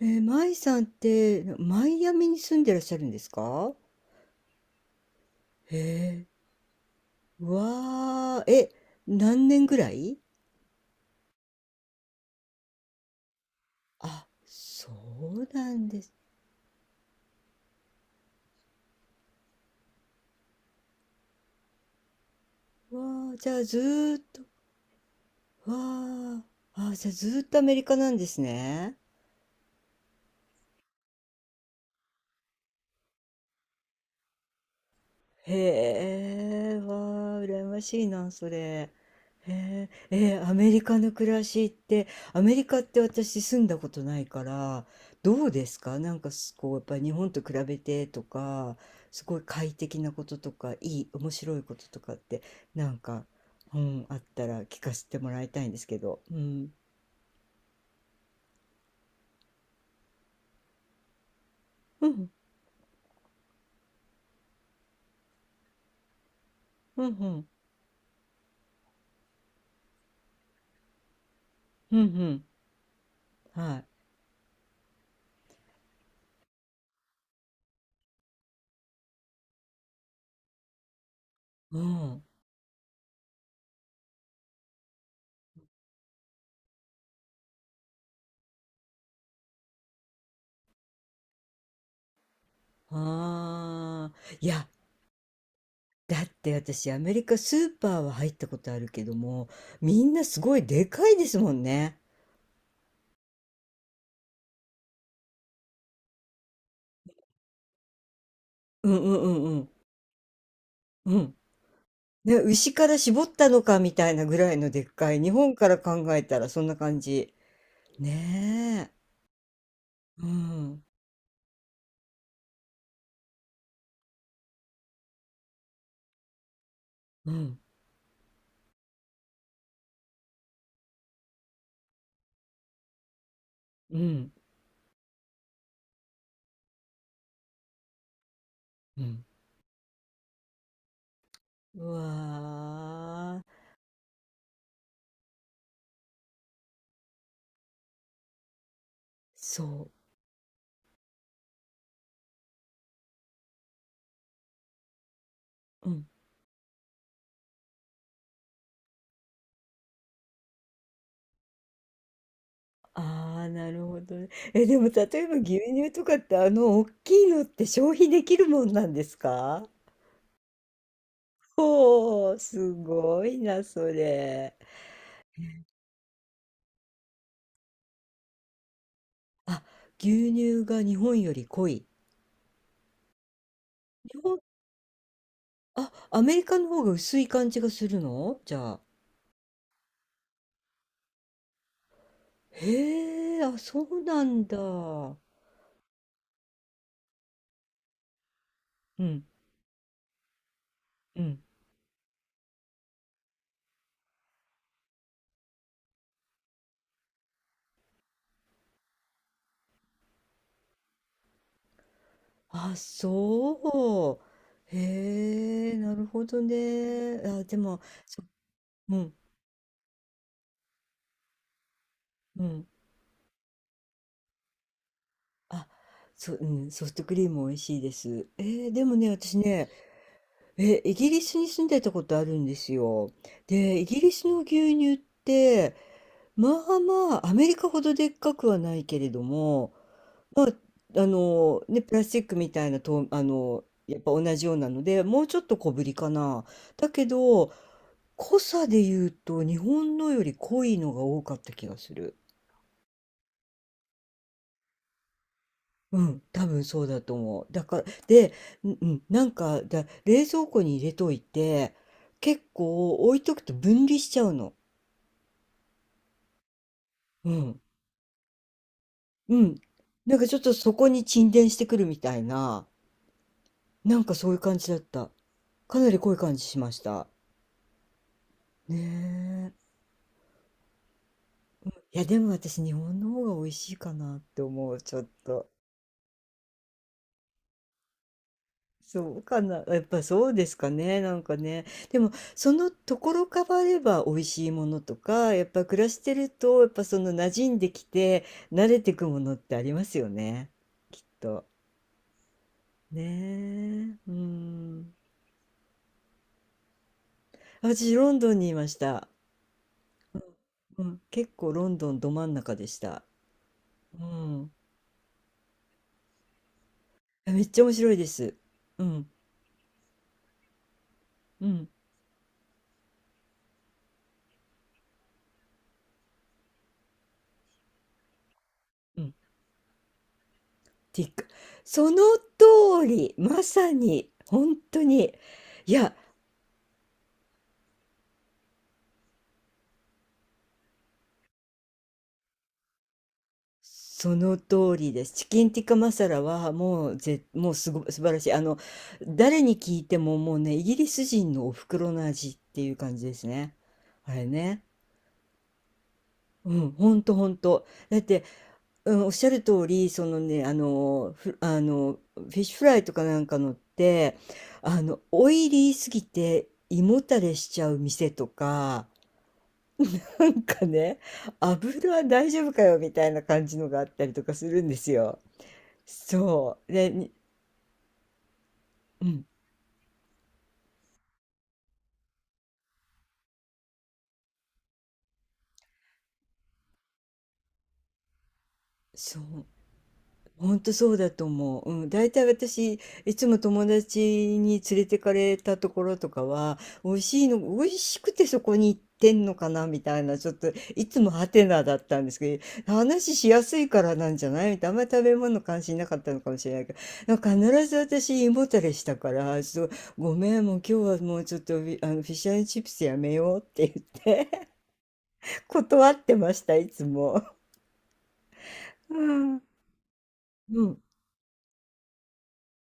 マイさんって、マイアミに住んでらっしゃるんですか？へえ。うわー。え、何年ぐらい？あ、そうなんです。わー。じゃあずーっと、わー、あ、じゃあずーっとアメリカなんですね。へえ。わあ、羨ましいな、それ。へえ。アメリカの暮らしって、アメリカって私住んだことないから、どうですか？すこう、やっぱり日本と比べてとか、すごい快適なこととか、面白いこととかって、なんか、うん、あったら聞かせてもらいたいんですけど。うん。うん、うん、うん、うん、うん。はい。うん。ああ。いや、だって私アメリカスーパーは入ったことあるけども、みんなすごいでかいですもんね。うんうんうんうんうん。ね、牛から絞ったのかみたいなぐらいのでっかい。日本から考えたらそんな感じ。ねえ。うんうんうんうん。うわー。そう。うん。ああ、なるほどね。え、でも例えば牛乳とかって大きいのって消費できるもんなんですか？おー、すごいな、それ。あ、牛乳が日本より濃い。日本、あ、アメリカの方が薄い感じがするのじゃあ。へえ、あ、そうなんだ。うん、うん。あ、そう。へえ、なるほどね。あ、でも、そ、うん、うん。あ、うん、ソフトクリーム美味しいです。でもね、私ね、イギリスに住んでたことあるんですよ。で、イギリスの牛乳って、まあまあ、アメリカほどでっかくはないけれども、まあ、ね、プラスチックみたいなと、やっぱ同じようなので、もうちょっと小ぶりかな。だけど、濃さで言うと、日本のより濃いのが多かった気がする。うん、多分そうだと思う。だから、で、うんうん、なんか、冷蔵庫に入れといて、結構置いとくと分離しちゃうの。うん。うん。なんかちょっとそこに沈殿してくるみたいな、なんかそういう感じだった。かなり濃い感じしました。ねえ。いや、でも私、日本の方が美味しいかなって思う、ちょっと。そうかな。やっぱそうですかね。なんかね。でも、そのところ変われば美味しいものとか、やっぱ暮らしてると、やっぱその馴染んできて、慣れてくものってありますよね。きっと。ねえ。うん。私、ロンドンにいました。うん、結構ロンドンど真ん中でした。うん。めっちゃ面白いです。うん、うん、うん。ティック。その通り、まさに、本当に。いや、その通りです。チキンティッカマサラはもうもうすご、素晴らしい。誰に聞いてももうね、イギリス人のお袋の味っていう感じですね。あれね。うん、ほんとほんと。だって、うん、おっしゃる通り、そのね、あの、ふあの、フィッシュフライとかなんかのって、オイリーすぎて胃もたれしちゃう店とか、なんかね、油は大丈夫かよみたいな感じのがあったりとかするんですよ。そう。で、うん、そう。ほんとそうだと思う。うん、大体私、いつも友達に連れてかれたところとかは、美味しくてそこに行ってんのかなみたいな、ちょっと、いつもハテナだったんですけど、話しやすいからなんじゃないみたいな、あんまり食べ物関心なかったのかもしれないけど、なんか必ず私、胃もたれしたから、ちょっと、ごめん、もう今日はもうちょっとフィッシュチップスやめようって言って 断ってました、いつも。うん。うん、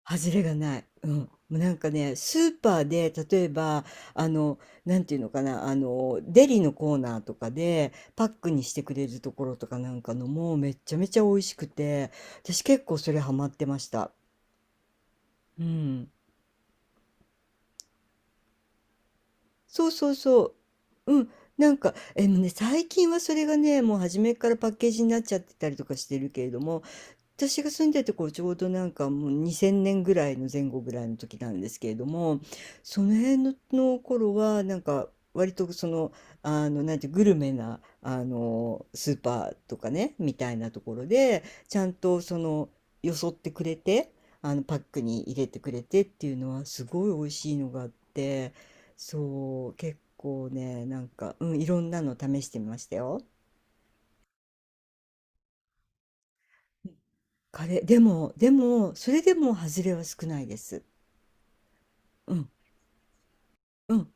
外れがない。うん。もうなんかね、スーパーで、例えば、あの、なんていうのかな、デリのコーナーとかで、パックにしてくれるところとかなんかのも、めっちゃめちゃ美味しくて、私結構それハマってました。うん。そうそうそう。うん。なんか、もうね、最近はそれがね、もう初めからパッケージになっちゃってたりとかしてるけれども、私が住んでて、ちょうどなんかもう2000年ぐらいの前後ぐらいの時なんですけれども、その辺の頃はなんか割とその、なんてグルメなスーパーとかねみたいなところでちゃんとそのよそってくれて、パックに入れてくれてっていうのはすごい美味しいのがあって、そう結構ね、なんか、うん、いろんなの試してみましたよ。カレーでも、でもそれでも外れは少ないです。うん、うん、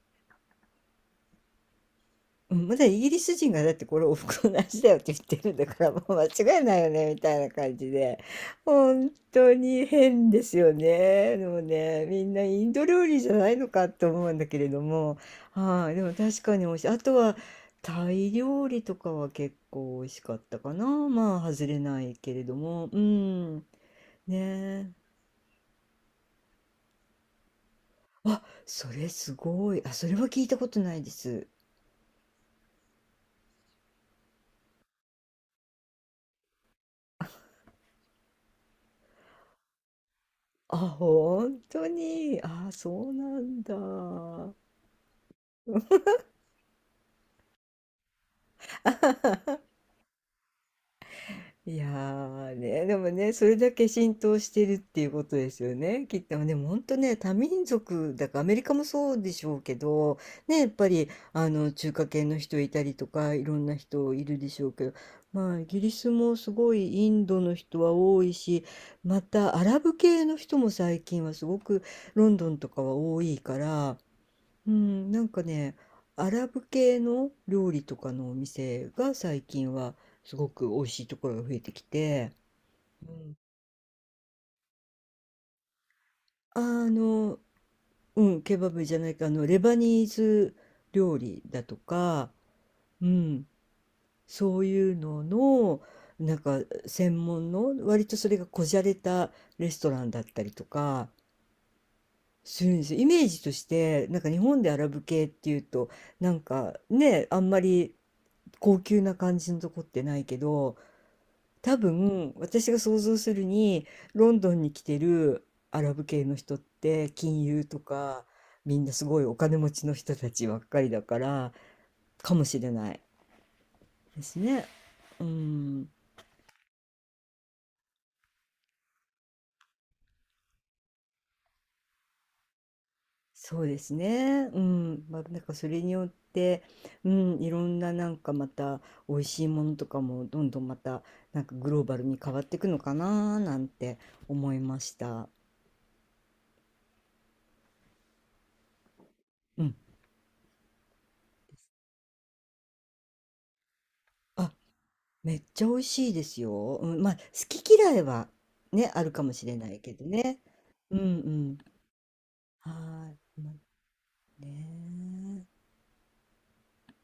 うん、まだイギリス人がだって、これおふくろの味だよって言ってるんだから、もう間違いないよねみたいな感じで。本当に変ですよね、でもね。みんなインド料理じゃないのかと思うんだけれども。はい、でも確かに美味しい。あとはタイ料理とかは結構美味しかったかな。まあ外れないけれども。うん、ねえ。あ、それすごい。あ、それは聞いたことないです。あ、本当に。あ、そうなんだ。いやーね、でもね、それだけ浸透してるっていうことですよね。きっと、でも本当ね、多民族だから、アメリカもそうでしょうけど、ね、やっぱり、中華系の人いたりとか、いろんな人いるでしょうけど、まあ、イギリスもすごいインドの人は多いし、また、アラブ系の人も最近はすごくロンドンとかは多いから、うん、なんかね、アラブ系の料理とかのお店が最近はすごく美味しいところが増えてきて、うん。あの、うん、ケバブじゃないか、レバニーズ料理だとか、うん、そういうのの、なんか専門の、割とそれがこじゃれたレストランだったりとか、するんですよ。イメージとして、なんか日本でアラブ系っていうと、なんかね、あんまり高級な感じのとこってないけど、多分私が想像するに、ロンドンに来てるアラブ系の人って金融とか、みんなすごいお金持ちの人たちばっかりだから、かもしれないですね。うん、そうですね。うん、まあ、なんかそれによって、うん、いろんな、なんかまた美味しいものとかもどんどんまた、なんかグローバルに変わっていくのかななんて思いました。うん。あ、めっちゃ美味しいですよ。うん、まあ、好き嫌いはね、あるかもしれないけどね。うんうん。はーい。まあね。